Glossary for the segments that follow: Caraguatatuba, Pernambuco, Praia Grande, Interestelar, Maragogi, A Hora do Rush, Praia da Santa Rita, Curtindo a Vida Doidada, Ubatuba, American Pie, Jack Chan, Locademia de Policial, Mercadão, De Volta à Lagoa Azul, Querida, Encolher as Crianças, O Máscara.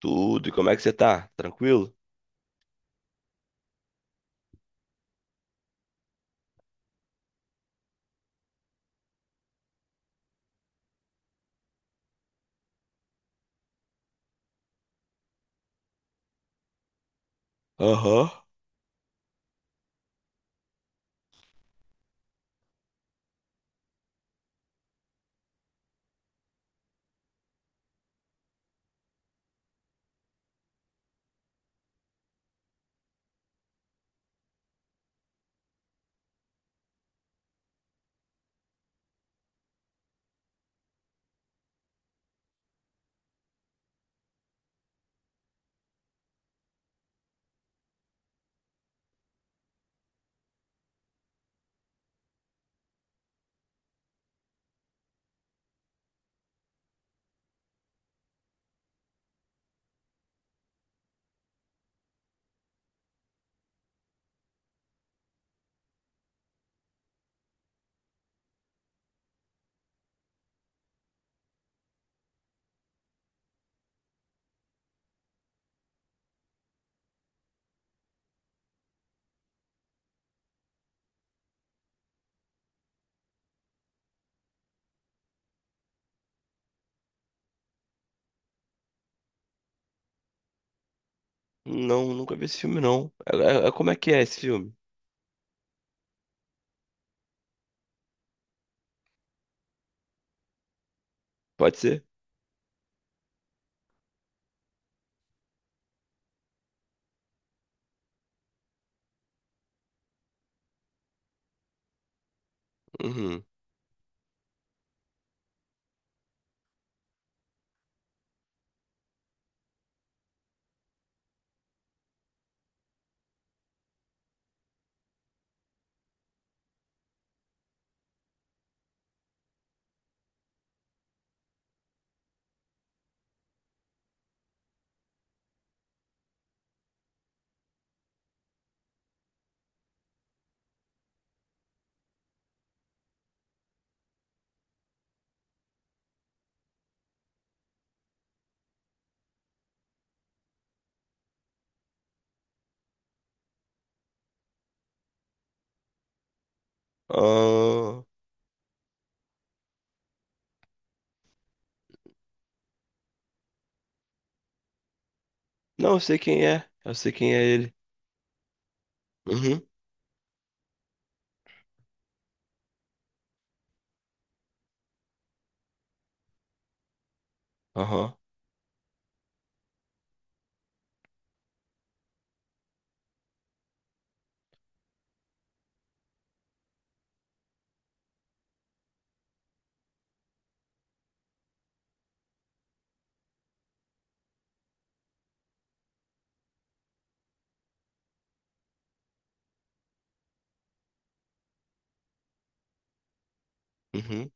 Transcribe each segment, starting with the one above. Tudo. E como é que você tá? Tranquilo? Aham. Não, nunca vi esse filme, não. Como é que é esse filme? Pode ser? Uhum. Ah, não, eu sei quem é. Eu sei quem é ele. Uhum. Aham. Uhum.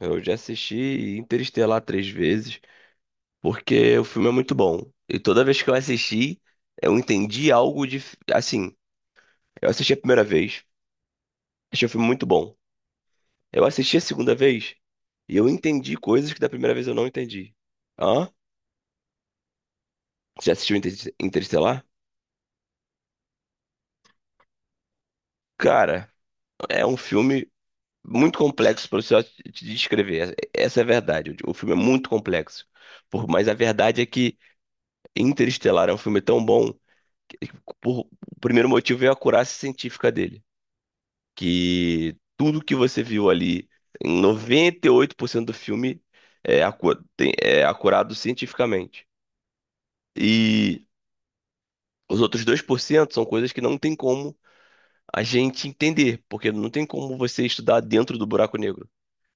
Eu já assisti Interestelar três vezes, porque o filme é muito bom. E toda vez que eu assisti, eu entendi algo de. Assim, eu assisti a primeira vez, achei o filme muito bom. Eu assisti a segunda vez e eu entendi coisas que da primeira vez eu não entendi. Hã? Já assistiu Interestelar? Cara, é um filme muito complexo para você só te descrever. Essa é a verdade. O filme é muito complexo. Mas a verdade é que Interestelar é um filme tão bom que, por, o primeiro motivo é a acurácia científica dele. Que tudo que você viu ali, em 98% do filme, é acurado cientificamente. E os outros 2% são coisas que não tem como a gente entender, porque não tem como você estudar dentro do buraco negro.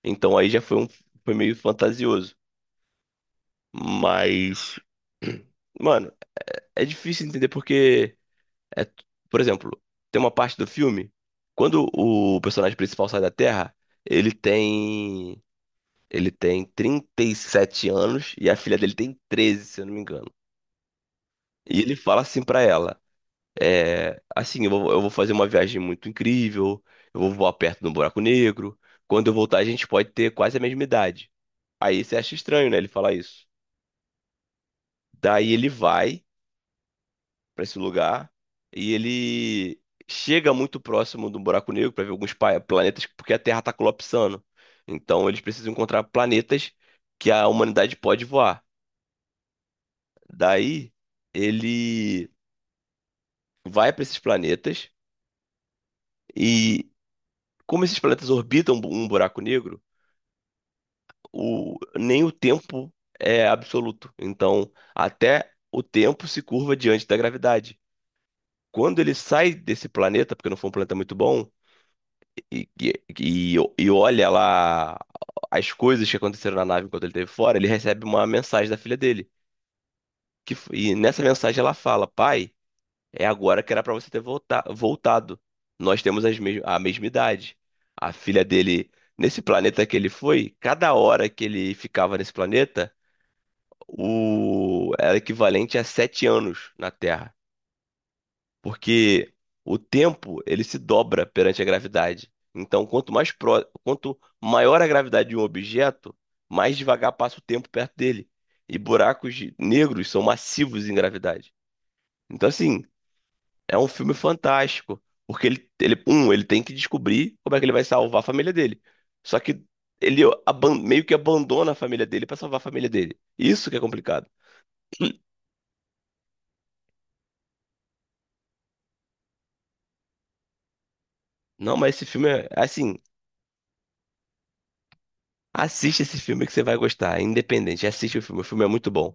Então aí já foi um foi meio fantasioso. Mas, mano, é difícil entender porque é, por exemplo, tem uma parte do filme quando o personagem principal sai da Terra, ele tem ele tem 37 anos e a filha dele tem 13, se eu não me engano. E ele fala assim pra ela: eu vou fazer uma viagem muito incrível, eu vou voar perto do buraco negro. Quando eu voltar, a gente pode ter quase a mesma idade. Aí você acha estranho, né, ele falar isso. Daí ele vai pra esse lugar e ele chega muito próximo do buraco negro pra ver alguns planetas, porque a Terra tá colapsando. Então eles precisam encontrar planetas que a humanidade pode voar. Daí ele vai pra esses planetas e como esses planetas orbitam um buraco negro, nem o tempo é absoluto. Então, até o tempo se curva diante da gravidade. Quando ele sai desse planeta, porque não foi um planeta muito bom, e, e, olha lá as coisas que aconteceram na nave enquanto ele esteve fora, ele recebe uma mensagem da filha dele. E nessa mensagem ela fala: Pai, é agora que era para você ter voltado. Nós temos a mesma idade. A filha dele, nesse planeta que ele foi, cada hora que ele ficava nesse planeta, era equivalente a 7 anos na Terra, porque o tempo ele se dobra perante a gravidade. Então, quanto maior a gravidade de um objeto, mais devagar passa o tempo perto dele. E negros são massivos em gravidade. Então, assim, é um filme fantástico, porque ele tem que descobrir como é que ele vai salvar a família dele. Só que meio que abandona a família dele para salvar a família dele. Isso que é complicado. Não, mas esse filme é é assim. Assiste esse filme que você vai gostar, é independente. Assiste o filme é muito bom.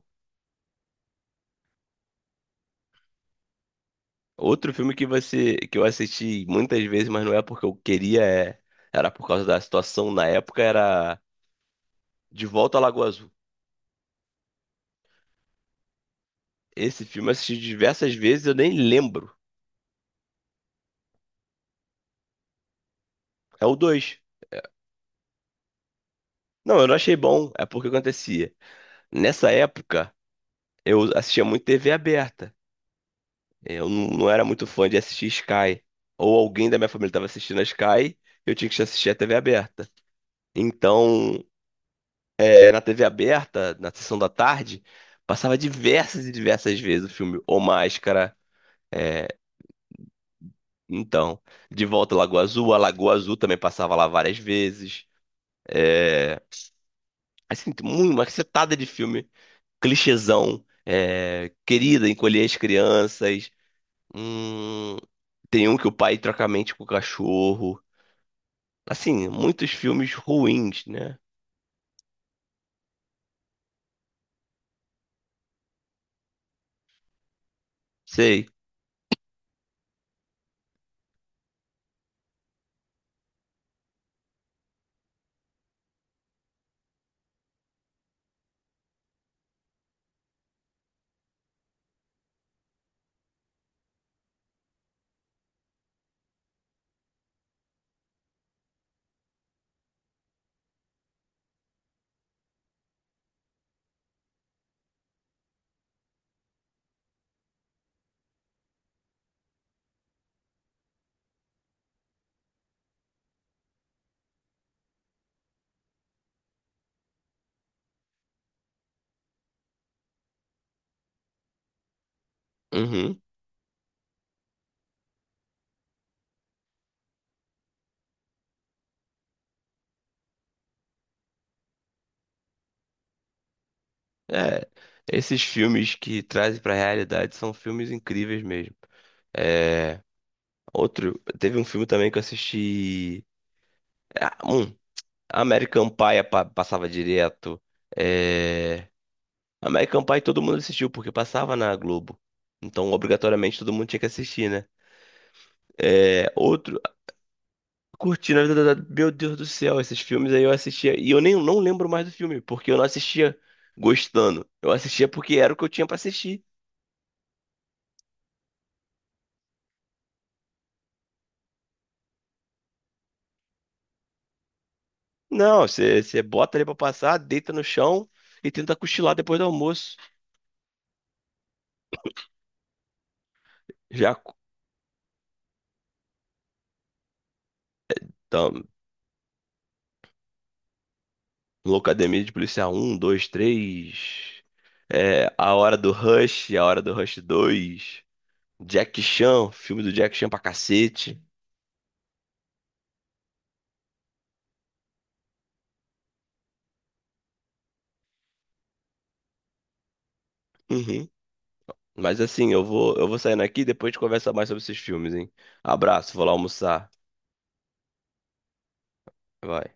Outro filme que você que eu assisti muitas vezes, mas não é porque eu queria, é- era por causa da situação na época, era De Volta à Lagoa Azul. Esse filme eu assisti diversas vezes, eu nem lembro. É o 2. Não, eu não achei bom, é porque acontecia. Nessa época, eu assistia muito TV aberta. Eu não, não era muito fã de assistir Sky. Ou alguém da minha família estava assistindo a Sky, eu tinha que assistir a TV aberta. Então, na TV aberta, na sessão da tarde, passava diversas e diversas vezes o filme O Máscara. É, então, De Volta à Lagoa Azul, a Lagoa Azul também passava lá várias vezes. É, assim, muito, uma cacetada de filme, clichêzão, é, Querida, Encolher as Crianças, hum, tem um que o pai troca a mente com o cachorro. Assim, muitos filmes ruins, né? Sei. Uhum. É, esses filmes que trazem pra realidade são filmes incríveis mesmo. É, teve um filme também que eu assisti. Ah, Um, American Pie passava direto. É, American Pie todo mundo assistiu porque passava na Globo. Então, obrigatoriamente, todo mundo tinha que assistir, né? É, outro, Curtindo a Vida Doidada. Meu Deus do céu, esses filmes aí eu assistia. E eu nem não lembro mais do filme, porque eu não assistia gostando. Eu assistia porque era o que eu tinha pra assistir. Não, você bota ali pra passar, deita no chão e tenta cochilar depois do almoço. Já co- tam- Locademia de Policial um, 2, 3. É, A Hora do Rush, A Hora do Rush dois. Jack Chan, filme do Jack Chan pra cacete. Uhum. Mas assim, eu vou saindo aqui e depois a gente conversa mais sobre esses filmes, hein? Abraço, vou lá almoçar. Vai.